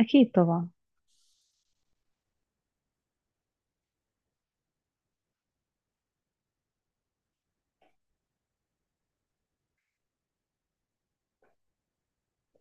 أكيد طبعا.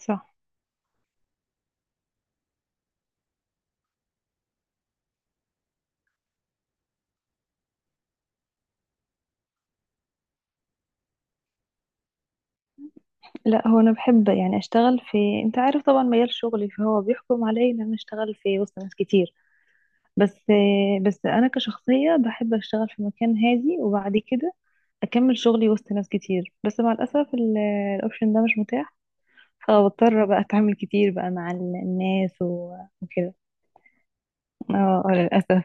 صح. لا، هو أنا بحب يعني أشتغل في، أنت عارف طبعا مجال شغلي فهو بيحكم علي إن أنا أشتغل في وسط ناس كتير. بس أنا كشخصية بحب أشتغل في مكان هادي وبعد كده أكمل شغلي وسط ناس كتير، بس مع الأسف الأوبشن ده مش متاح. فبضطر بقى أتعامل كتير بقى مع الناس وكده. للأسف.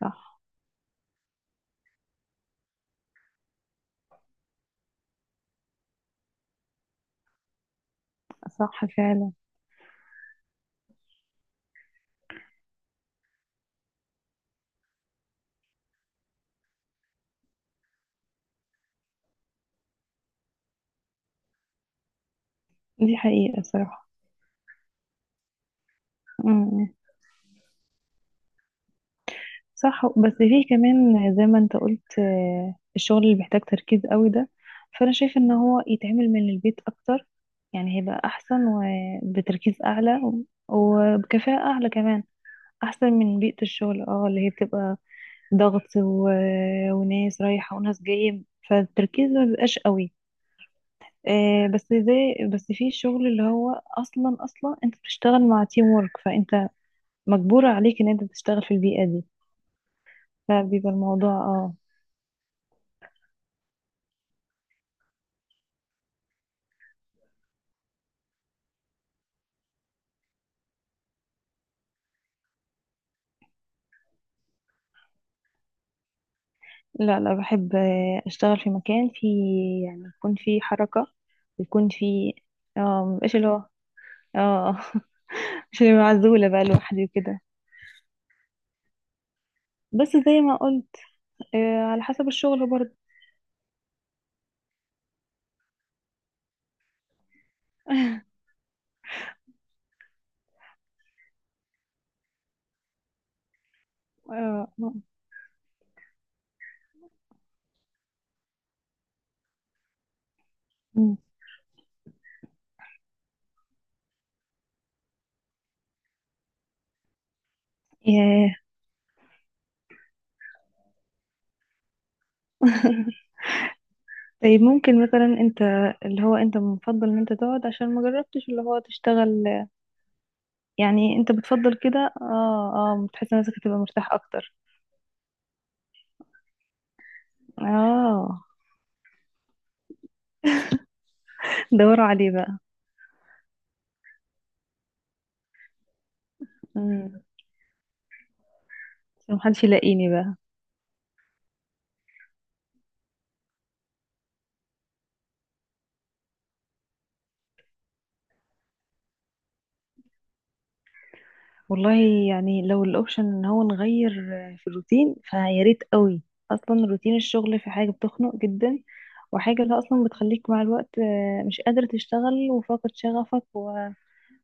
صح، صح فعلا. دي حقيقة صراحة. صح، بس في كمان زي ما انت قلت، الشغل اللي بيحتاج تركيز قوي ده فانا شايف ان هو يتعمل من البيت اكتر، يعني هيبقى احسن وبتركيز اعلى وبكفاءة اعلى كمان، احسن من بيئة الشغل اللي هي بتبقى ضغط و... وناس رايحة وناس جاية، فالتركيز ما بيبقاش قوي. بس في الشغل اللي هو اصلا انت بتشتغل مع تيم وورك فانت مجبورة عليك ان انت تشتغل في البيئة دي، فبيبقى الموضوع اه. لا لا، بحب اشتغل في مكان فيه يعني، يكون فيه حركة ويكون فيه اه، مبقاش اللي هو اه مش اللي هو معزولة بقى لوحدي وكده. بس زي ما قلت، على حسب الشغل برضه. آه. مم. ياه. طيب ممكن مثلا انت اللي هو انت بتفضل ان انت تقعد عشان ما جربتش اللي هو تشتغل، يعني انت بتفضل كده اه؟ اه، بتحس نفسك هتبقى مرتاح اكتر؟ اه. دوروا عليه بقى. مم. عشان محدش يلاقيني بقى. والله يعني لو الاوبشن ان هو نغير في الروتين فيا ريت قوي. اصلا روتين الشغل في حاجه بتخنق جدا، وحاجه اللي اصلا بتخليك مع الوقت مش قادر تشتغل وفاقد شغفك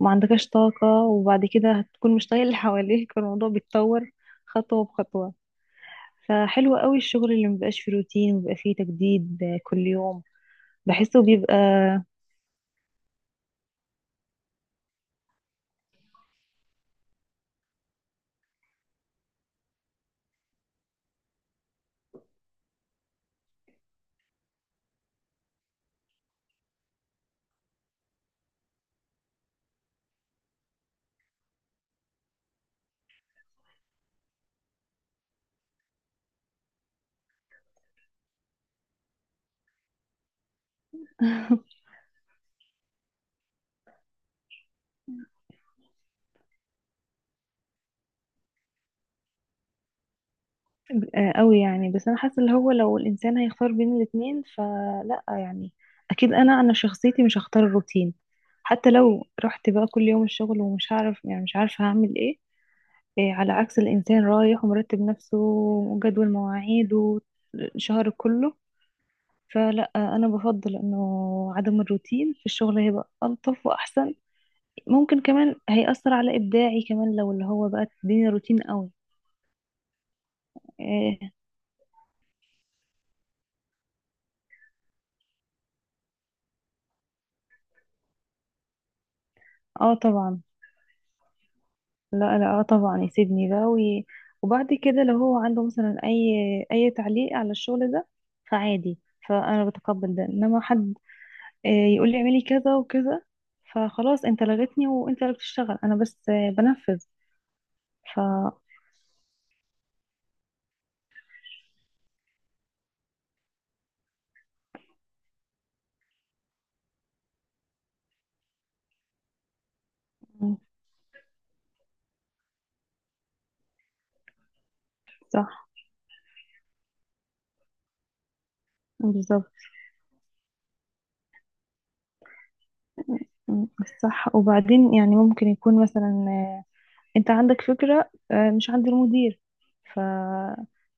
وما عندكش طاقه، وبعد كده هتكون مش طايق اللي حواليك، فالموضوع بيتطور خطوه بخطوه. فحلو قوي الشغل اللي مبيبقاش فيه روتين وبيبقى فيه تجديد كل يوم، بحسه بيبقى. قوي يعني، بس انا حاسه اللي هو لو الانسان هيختار بين الاتنين فلا يعني، اكيد انا شخصيتي مش هختار الروتين. حتى لو رحت بقى كل يوم الشغل ومش هعرف، يعني مش عارفه هعمل ايه. إيه، على عكس الانسان رايح ومرتب نفسه وجدول مواعيد وشهر كله. فلا، انا بفضل انه عدم الروتين في الشغل هيبقى الطف واحسن. ممكن كمان هيأثر على ابداعي كمان لو اللي هو بقى الدنيا روتين قوي. إيه، اه طبعا. لا لا، اه طبعا يسيبني ده وي... وبعد كده لو هو عنده مثلا اي تعليق على الشغل ده فعادي، فانا بتقبل ده. انما حد آه، يقول لي اعملي كذا وكذا، فخلاص انت لغتني وانت اللي بتشتغل، انا بس بنفذ. ف م، صح. بالظبط. م، صح. وبعدين يعني ممكن يكون مثلا انت عندك فكرة مش عند المدير. ف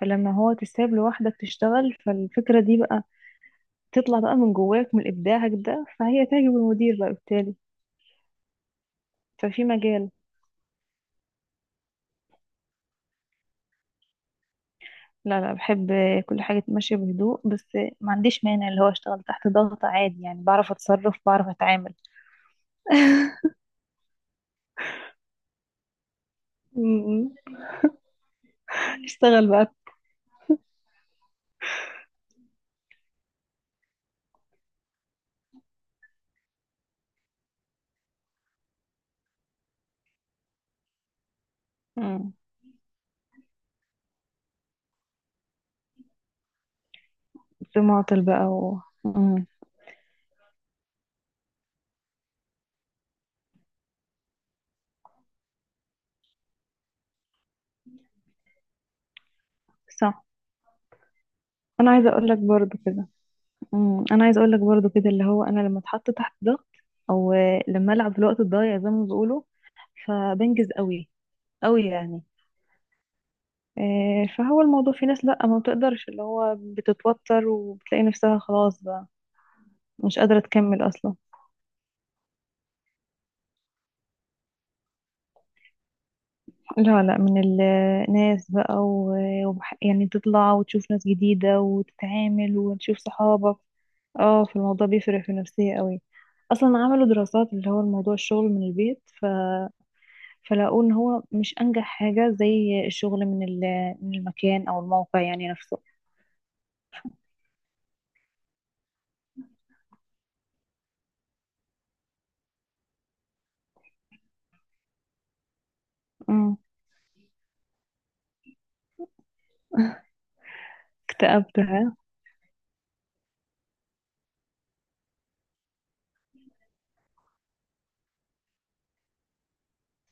فلما هو تساب لوحدك تشتغل، فالفكرة دي بقى تطلع بقى من جواك من إبداعك ده، فهي تعجب المدير بقى بالتالي. ففي مجال، لا لا بحب كل حاجة ماشية بهدوء، بس ما عنديش مانع اللي هو اشتغل تحت ضغط عادي، يعني بعرف أتصرف بعرف أتعامل. م- م. اشتغل بقى. مم. في معطل بقى و... مم. صح. أنا عايزة أقول لك برضو كده. مم. أنا عايزة أقول لك برضو كده، اللي هو أنا لما اتحط تحت ضغط أو لما ألعب في الوقت الضايع زي ما بيقولوا، فبنجز قوي، قوي يعني. فهو الموضوع في ناس لأ، ما بتقدرش، اللي هو بتتوتر وبتلاقي نفسها خلاص بقى مش قادرة تكمل أصلا. لا لا، من الناس بقى يعني تطلع وتشوف ناس جديدة وتتعامل وتشوف صحابك. اه في، الموضوع بيفرق في النفسية قوي. أصلا عملوا دراسات اللي هو الموضوع الشغل من البيت ف... فلقوا إن هو مش أنجح حاجة زي الشغل من من المكان أو الموقع يعني نفسه. امم. اكتئبتها.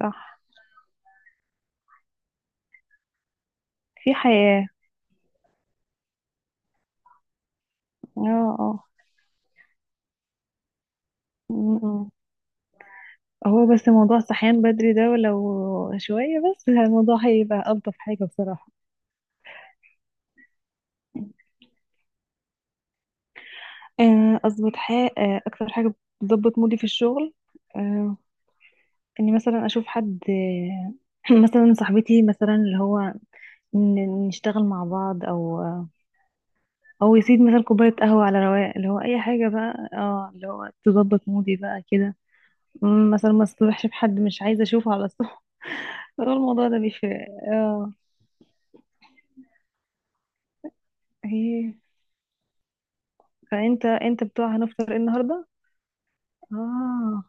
صح. في حياة. اه اه. مم. هو بس موضوع الصحيان بدري ده ولو شوية بس الموضوع هيبقى ألطف حاجة بصراحة. أظبط حاجة، أكتر حاجة بتظبط مودي في الشغل، آه، إني مثلا أشوف حد مثلا صاحبتي مثلا اللي هو نشتغل مع بعض أو أو يسيب مثلا كوباية قهوة على رواق، اللي هو أي حاجة بقى اه اللي هو تظبط مودي بقى كده. مم، مثلا ما أصطبحش بحد مش عايزة أشوفه على الصبح. هو الموضوع ده بيفرق. اه. هي. فانت، انت بتوع هنفطر ايه النهارده. اه.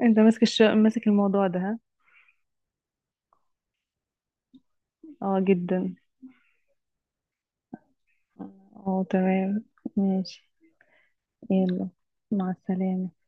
انت ماسك ماسك الموضوع ده ها. اه جدا. اه تمام. ماشي. يلا، مع السلامة.